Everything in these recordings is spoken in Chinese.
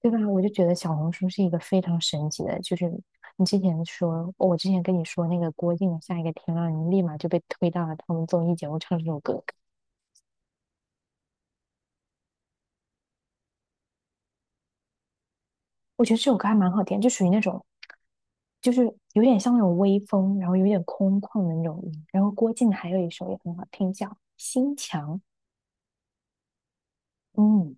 对吧？我就觉得小红书是一个非常神奇的，就是你之前说，我之前跟你说那个郭靖的下一个天亮，你立马就被推到了他们综艺节目唱这首歌。我觉得这首歌还蛮好听，就属于那种，就是有点像那种微风，然后有点空旷的那种音然后郭靖还有一首也很好听，叫《心墙》，嗯，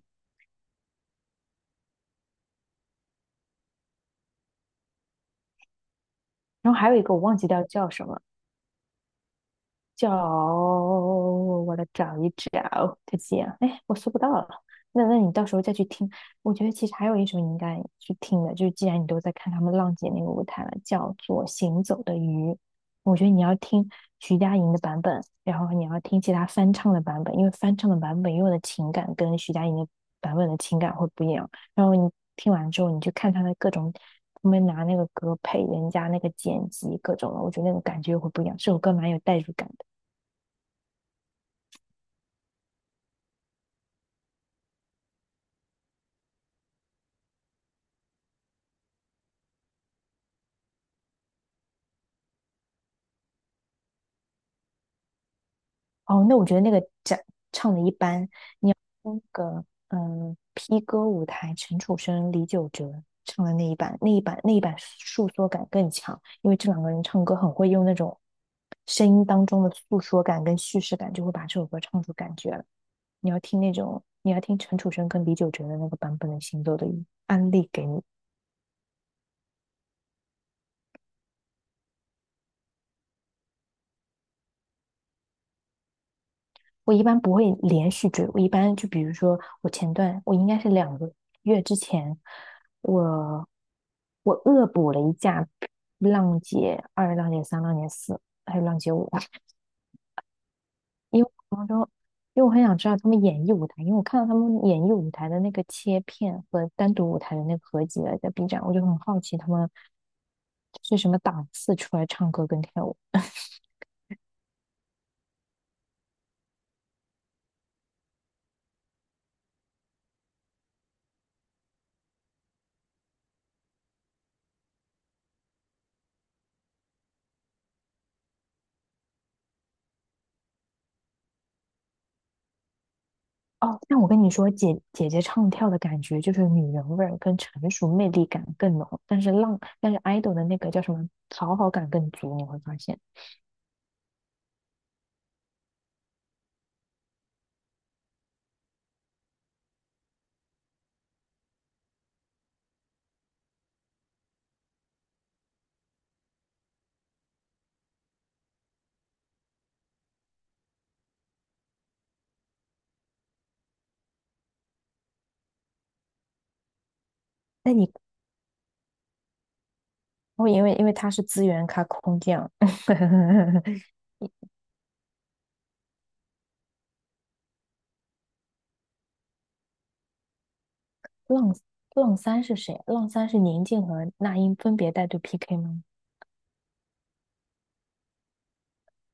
然后还有一个我忘记掉叫什么，叫我来找一找，再见。哎，我搜不到了。那你到时候再去听。我觉得其实还有一首你应该去听的，就是既然你都在看他们浪姐那个舞台了，叫做《行走的鱼》。我觉得你要听徐佳莹的版本，然后你要听其他翻唱的版本，因为翻唱的版本用的情感跟徐佳莹的版本的情感会不一样。然后你听完之后，你去看他的各种，他们拿那个歌配人家那个剪辑各种的，我觉得那个感觉会不一样。这首歌蛮有代入感的。哦，那我觉得那个讲唱的一般，那个嗯，P 歌舞台陈楚生、李玖哲唱的那一版诉说感更强，因为这两个人唱歌很会用那种声音当中的诉说感跟叙事感，就会把这首歌唱出感觉了。你要听那种，你要听陈楚生跟李玖哲的那个版本的《行走的雨》，安利给你。我一般不会连续追，我一般就比如说，我前段我应该是2个月之前，我我恶补了一架浪姐二、浪姐三、浪姐四，还有浪姐五，因为我当中，因为我很想知道他们演绎舞台，因为我看到他们演绎舞台的那个切片和单独舞台的那个合集了，在 B 站，我就很好奇他们是什么档次出来唱歌跟跳舞。哦，但我跟你说，姐姐唱跳的感觉就是女人味儿跟成熟魅力感更浓，但是 idol 的那个叫什么讨好感更足，你会发现。那你哦，因为他是资源咖空降，浪浪三是谁？浪三是宁静和那英分别带队 PK 吗？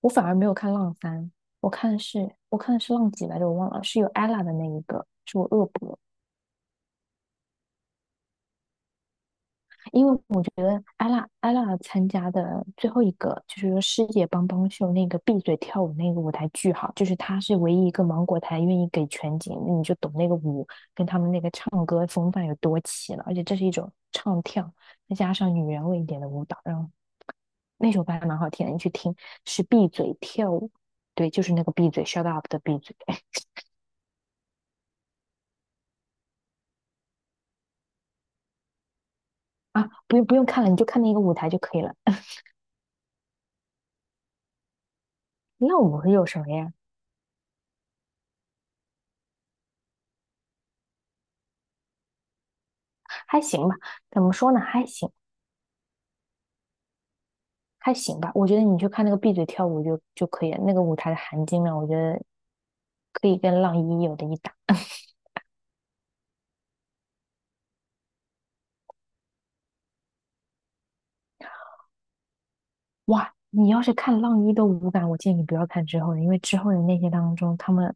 我反而没有看浪三，我看的是浪几来着，我忘了，是有 ella 的那一个，是我恶补。因为我觉得艾拉参加的最后一个就是说世界帮帮秀那个闭嘴跳舞那个舞台巨好，就是她是唯一一个芒果台愿意给全景，你就懂那个舞跟他们那个唱歌风范有多齐了，而且这是一种唱跳，再加上女人味一点的舞蹈，然后那首歌还蛮好听的，你去听是闭嘴跳舞，对，就是那个闭嘴 shut up 的闭嘴 啊，不用不用看了，你就看那个舞台就可以了。那我有什么呀？还行吧，怎么说呢？还行。还行吧。我觉得你去看那个闭嘴跳舞就可以了，那个舞台的含金量，我觉得可以跟浪一有的一搭。哇，你要是看浪一的舞感，我建议你不要看之后的，因为之后的那些当中，他们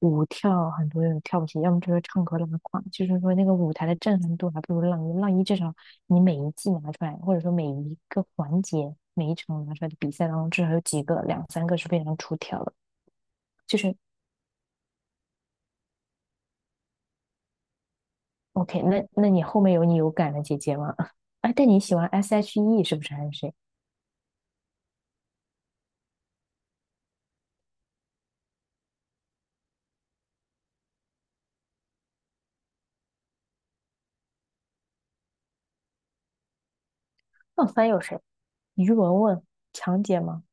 舞跳很多人跳不起，要么就是唱歌拉胯，就是说那个舞台的震撼度还不如浪一。浪一至少你每一季拿出来，或者说每一个环节、每一场拿出来的比赛当中，至少有几个、两三个是非常出挑的。就是 OK，那你后面有你有感的姐姐吗？哎，但你喜欢 SHE 是不是还是谁？那翻有谁？于文文、强姐吗？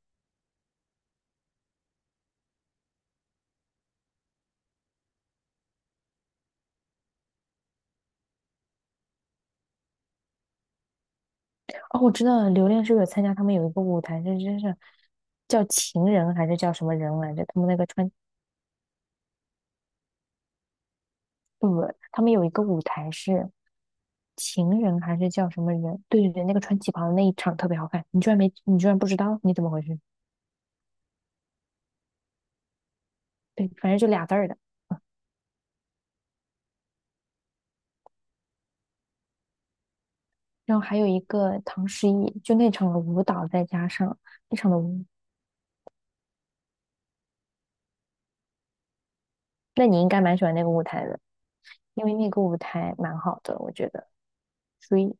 哦，我知道了，榴莲是不是有参加他们有一个舞台，这真是叫情人还是叫什么人来着？他们那个穿不不，他们有一个舞台是情人还是叫什么人？对对对，那个穿旗袍的那一场特别好看，你居然不知道，你怎么回事？对，反正就俩字儿的。然后还有一个唐诗逸，就那场的舞蹈，再加上那场的舞。那你应该蛮喜欢那个舞台的，因为那个舞台蛮好的，我觉得所以。属于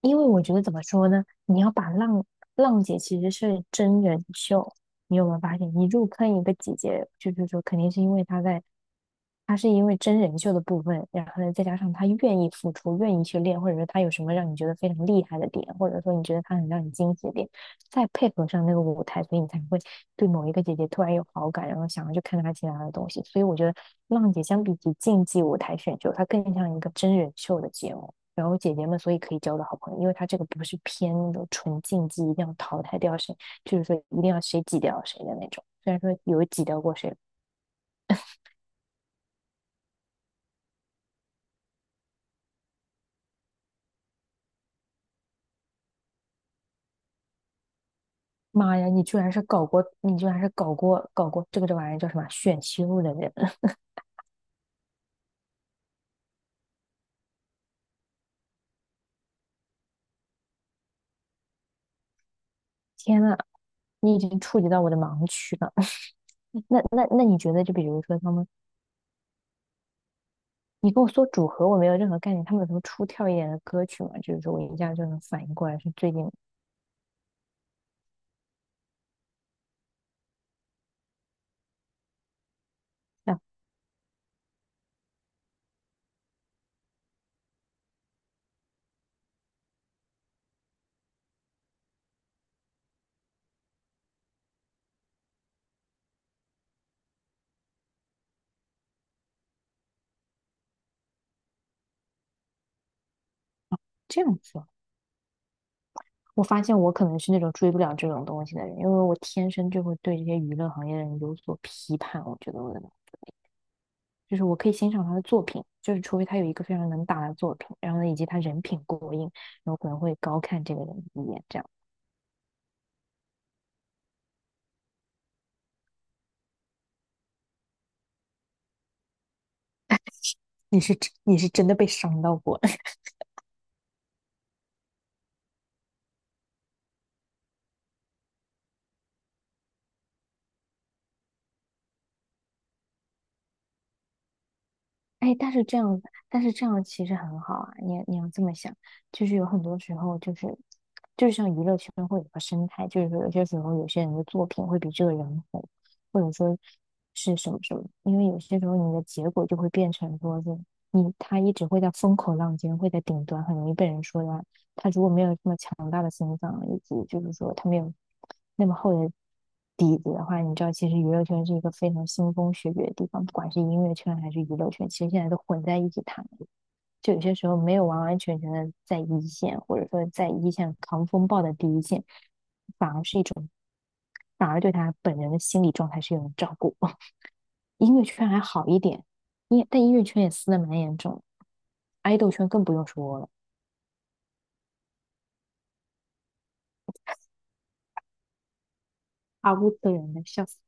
因为我觉得怎么说呢？你要把浪姐其实是真人秀，你有没有发现？你入坑一个姐姐，就是说肯定是因为她在，她是因为真人秀的部分，然后呢再加上她愿意付出，愿意去练，或者说她有什么让你觉得非常厉害的点，或者说你觉得她很让你惊喜的点，再配合上那个舞台，所以你才会对某一个姐姐突然有好感，然后想要去看她其他的东西。所以我觉得浪姐相比起竞技舞台选秀，它更像一个真人秀的节目。然后姐姐们所以可以交到好朋友，因为他这个不是偏那种纯竞技，一定要淘汰掉谁，就是说一定要谁挤掉谁的那种。虽然说有挤掉过谁，妈呀，你居然是搞过，你居然是搞过这玩意儿叫什么选秀的人，天呐，你已经触及到我的盲区了。那你觉得，就比如说他们，你跟我说组合，我没有任何概念，他们有什么出挑一点的歌曲吗？就是说我一下就能反应过来是最近啊这样子。我发现我可能是那种追不了这种东西的人，因为我天生就会对这些娱乐行业的人有所批判。我觉得我的脑就是我可以欣赏他的作品，就是除非他有一个非常能打的作品，然后呢，以及他人品过硬，然后可能会高看这个人一眼。这样，你是真的被伤到过。哎，但是这样其实很好啊。你你要这么想，就是有很多时候，就是就像娱乐圈会有个生态，就是说有些时候有些人的作品会比这个人红，或者说是什么什么。因为有些时候你的结果就会变成说是你他一直会在风口浪尖，会在顶端，很容易被人说他如果没有这么强大的心脏，以及就是说他没有那么厚的底子的话，你知道，其实娱乐圈是一个非常腥风血雨的地方，不管是音乐圈还是娱乐圈，其实现在都混在一起谈，就有些时候没有完完全全的在一线，或者说在一线扛风暴的第一线，反而是一种，反而对他本人的心理状态是一种照顾。音乐圈还好一点，但音乐圈也撕的蛮严重，爱豆圈更不用说了，阿乌斯人的笑死。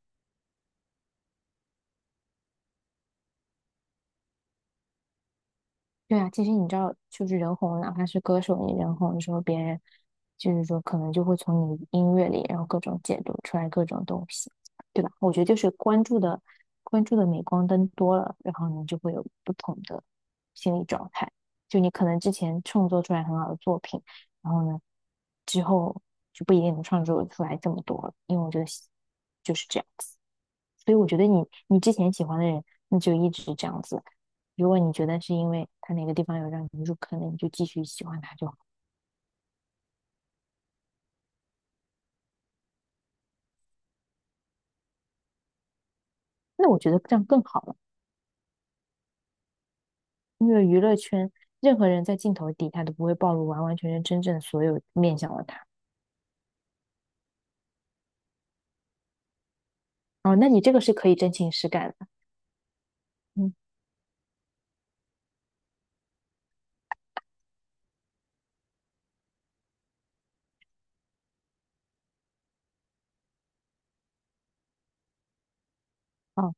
对啊，其实你知道，就是人红，哪怕是歌手，你人红的时候，别人就是说，可能就会从你音乐里，然后各种解读出来各种东西，对吧？我觉得就是关注的镁光灯多了，然后你就会有不同的心理状态。就你可能之前创作出来很好的作品，然后呢，之后就不一定能创作出来这么多了，因为我觉得就是这样子。所以我觉得你你之前喜欢的人，那就一直这样子。如果你觉得是因为他哪个地方有让你入坑的，你就继续喜欢他就好。那我觉得这样更好了，因为娱乐圈任何人在镜头底下都不会暴露完完全全真正所有面向的他。哦，那你这个是可以真情实感的。嗯，哦，